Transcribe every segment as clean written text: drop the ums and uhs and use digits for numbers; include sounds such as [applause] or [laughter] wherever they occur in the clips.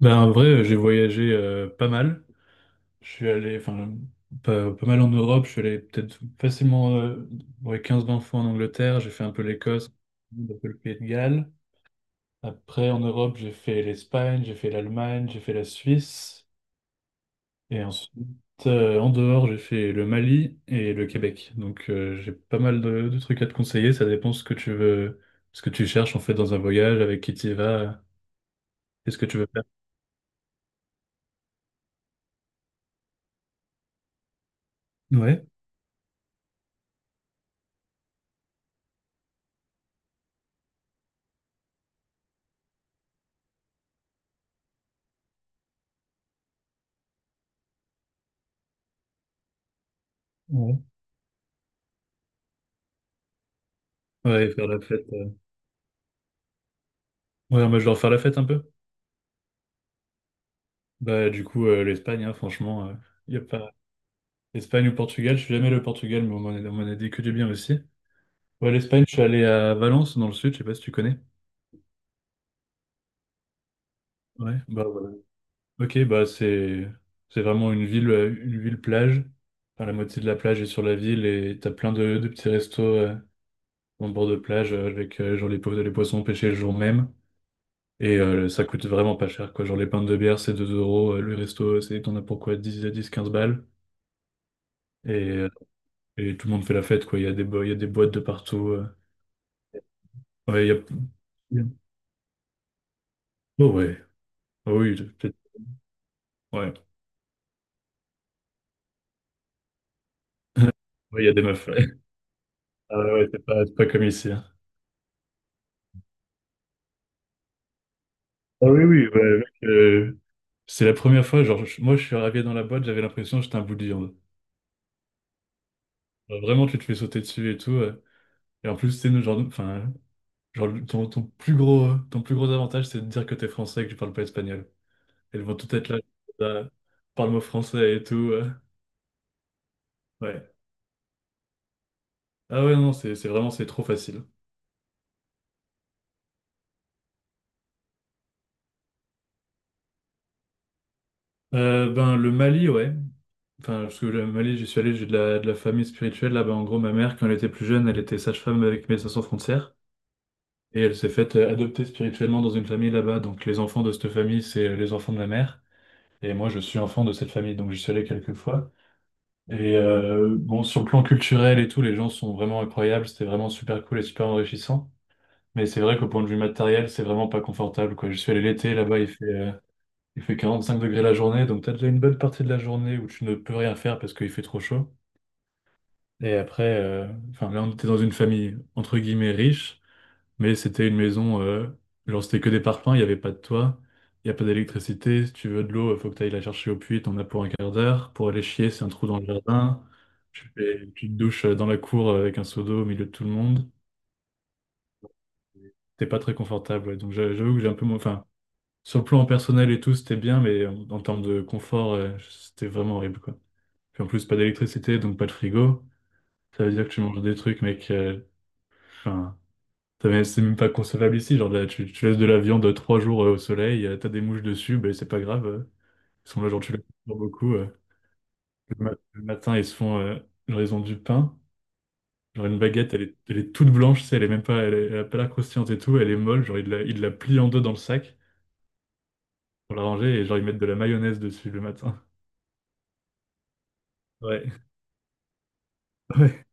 Ben, en vrai, j'ai voyagé pas mal. Je suis allé, enfin, pas mal en Europe. Je suis allé peut-être facilement ouais, 15-20 fois en Angleterre. J'ai fait un peu l'Écosse, un peu le Pays de Galles. Après, en Europe, j'ai fait l'Espagne, j'ai fait l'Allemagne, j'ai fait la Suisse. Et ensuite, en dehors, j'ai fait le Mali et le Québec. Donc, j'ai pas mal de trucs à te conseiller. Ça dépend ce que tu veux, ce que tu cherches en fait dans un voyage, avec qui tu y vas, qu'est-ce que tu veux faire. Ouais, ouais. Ouais, faire la fête. Ouais, moi, je vais leur faire la fête un peu. Bah, du coup, l'Espagne, hein, franchement, il y a pas. Espagne ou Portugal, je suis jamais allé au Portugal, mais bon, on m'en a dit que du bien aussi. Ouais, l'Espagne, je suis allé à Valence, dans le sud, je sais pas si tu connais. Ouais, bah voilà. Ok, bah c'est vraiment une ville plage. Enfin, la moitié de la plage est sur la ville et t'as plein de petits restos en bord de plage avec genre les, les poissons pêchés le jour même. Et ça coûte vraiment pas cher, quoi. Genre les pintes de bière, c'est 2 euros. Le resto, c'est t'en as pourquoi 10, 10 15 balles. Et Et tout le monde fait la fête, quoi. Il y a des, il y a des boîtes de partout. Ouais, il y a... il y a- Oh ouais. Oh oui, peut-être. Ouais. Ouais, il y a des meufs. Ouais. [laughs] Ah ouais, c'est pas comme ici, hein. Ah oui, oui, bah, mec, c'est la première fois, genre, moi je suis arrivé dans la boîte, j'avais l'impression que j'étais un bout de viande. Genre, vraiment, tu te fais sauter dessus et tout. Et en plus, c'est nous, genre, enfin, genre, ton plus gros avantage, c'est de dire que t'es français et que tu parles pas espagnol. Elles vont tout être là, là, parle-moi français et tout. Ouais. Ah ouais, non, c'est vraiment, c'est trop facile. Ben, le Mali, ouais. Enfin, parce que le Mali, j'y suis allé, j'ai de la famille spirituelle. Là, ben, en gros, ma mère, quand elle était plus jeune, elle était sage-femme avec Médecins Sans Frontières. Et elle s'est faite adopter spirituellement dans une famille là-bas. Donc, les enfants de cette famille, c'est les enfants de ma mère. Et moi, je suis enfant de cette famille, donc j'y suis allé quelques fois. Et bon, sur le plan culturel et tout, les gens sont vraiment incroyables. C'était vraiment super cool et super enrichissant. Mais c'est vrai qu'au point de vue matériel, c'est vraiment pas confortable, quoi. Je suis allé l'été, là-bas, il fait 45 degrés la journée, donc t'as déjà une bonne partie de la journée où tu ne peux rien faire parce qu'il fait trop chaud. Et après, enfin là, on était dans une famille entre guillemets riche, mais c'était une maison, genre c'était que des parpaings, il n'y avait pas de toit, il n'y a pas d'électricité. Si tu veux de l'eau, il faut que tu ailles la chercher au puits, t'en as pour un quart d'heure. Pour aller chier, c'est un trou dans le jardin. Tu fais une petite douche dans la cour avec un seau d'eau au milieu de tout le monde. T'es pas très confortable, ouais. Donc j'avoue que j'ai un peu moins. Enfin, sur le plan personnel et tout, c'était bien, mais en termes de confort, c'était vraiment horrible, quoi. Puis en plus, pas d'électricité, donc pas de frigo. Ça veut dire que tu manges des trucs, mec. Enfin, c'est même pas concevable ici. Genre, là, tu laisses de la viande trois jours au soleil, t'as des mouches dessus, ben c'est pas grave. Ils sont là, genre, tu les coupes beaucoup. Le, le matin, ils se font, genre, ils ont du pain. Genre, une baguette, elle est toute blanche, tu sais, elle est même pas, elle, elle a pas l'air croustillante et tout, elle est molle. Genre, ils la plient en deux dans le sac pour la ranger et genre, ils mettent de la mayonnaise dessus le matin. Ouais. [laughs]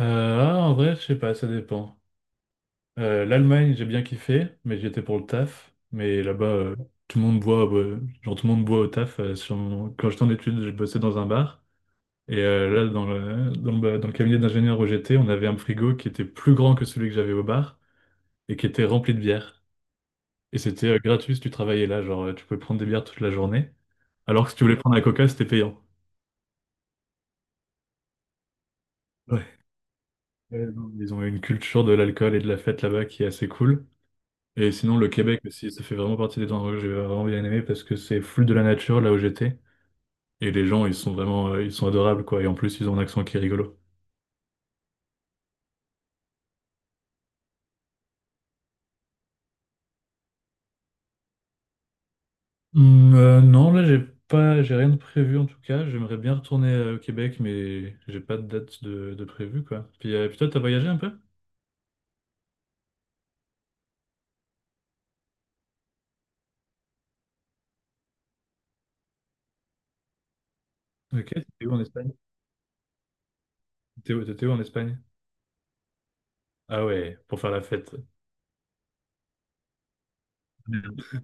En vrai, je sais pas, ça dépend. l'Allemagne, j'ai bien kiffé, mais j'y étais pour le taf. Mais là-bas, tout le monde boit, genre tout le monde boit au taf. Quand j'étais en études, je bossais dans un bar. Et là, dans le cabinet d'ingénieur où j'étais, on avait un frigo qui était plus grand que celui que j'avais au bar et qui était rempli de bière. Et c'était gratuit si tu travaillais là, genre tu pouvais prendre des bières toute la journée. Alors que si tu voulais prendre la coca, c'était payant. Ouais. Non, ils ont une culture de l'alcool et de la fête là-bas qui est assez cool. Et sinon, le Québec aussi, ça fait vraiment partie des endroits que j'ai vraiment bien aimé parce que c'est full de la nature là où j'étais. Et les gens, ils sont vraiment, ils sont adorables quoi. Et en plus, ils ont un accent qui est rigolo. Non, là, j'ai rien de prévu en tout cas. J'aimerais bien retourner au Québec, mais j'ai pas de date de prévu quoi. Puis, puis toi, t'as voyagé un peu? Ok, t'étais où en Espagne? T'étais où en Espagne? Ah ouais, pour faire la fête. Merde.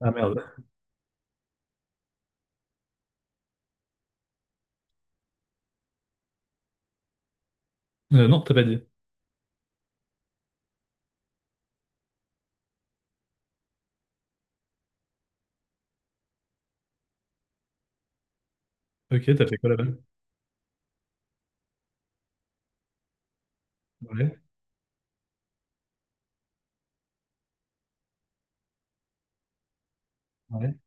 Ah merde. Non, t'as pas dit. Ok, t'as fait quoi là-bas? Ouais, ouais.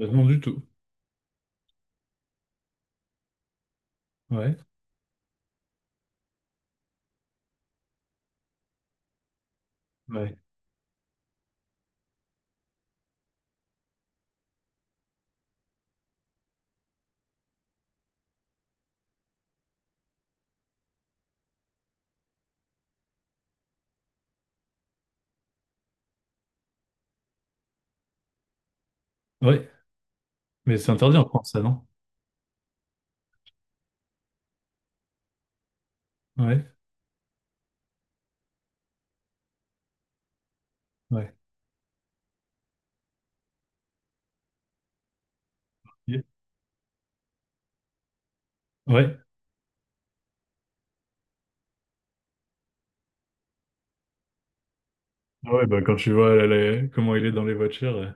Non, du tout. Ouais, ouais. Ouais, mais c'est interdit en France, ça, non? Ouais, ouais, yeah, ouais. Ah ouais, bah quand tu vois comment il est dans les voitures,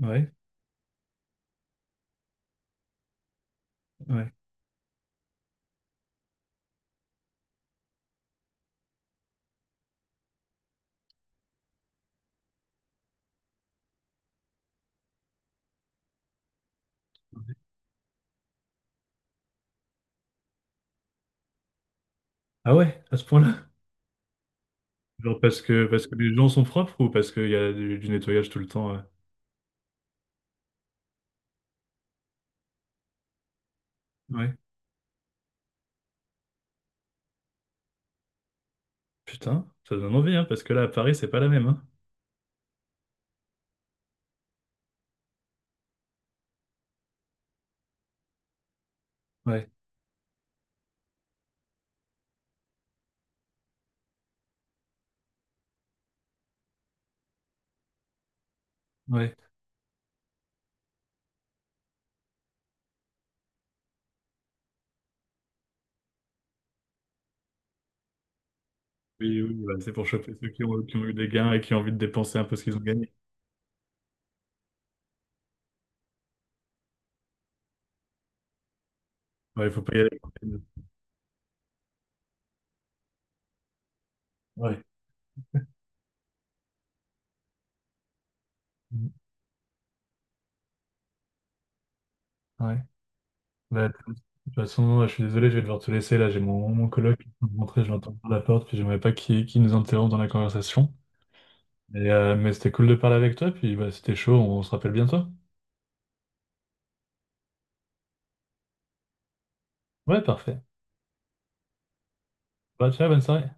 ouais, ouais. Ah ouais, à ce point-là? Genre parce que les gens sont propres ou parce qu'il y a du nettoyage tout le temps? Ouais. Putain, ça donne envie, hein, parce que là à Paris c'est pas la même, hein. Ouais, ouais. Oui, oui, bah, c'est pour choper ceux qui ont eu des gains et qui ont envie de dépenser un peu ce qu'ils ont gagné. Ouais, il faut pas y aller. Ouais. Mhm. Ouais. Bah, de toute façon, je suis désolé, je vais devoir te laisser. Là, j'ai mon, mon coloc qui est en train de rentrer, je l'entends par la porte, puis j'aimerais pas qu'il nous interrompe dans la conversation. Et, mais c'était cool de parler avec toi, puis bah, c'était chaud, on se rappelle bientôt. Ouais, parfait. Bah, ciao, bonne soirée.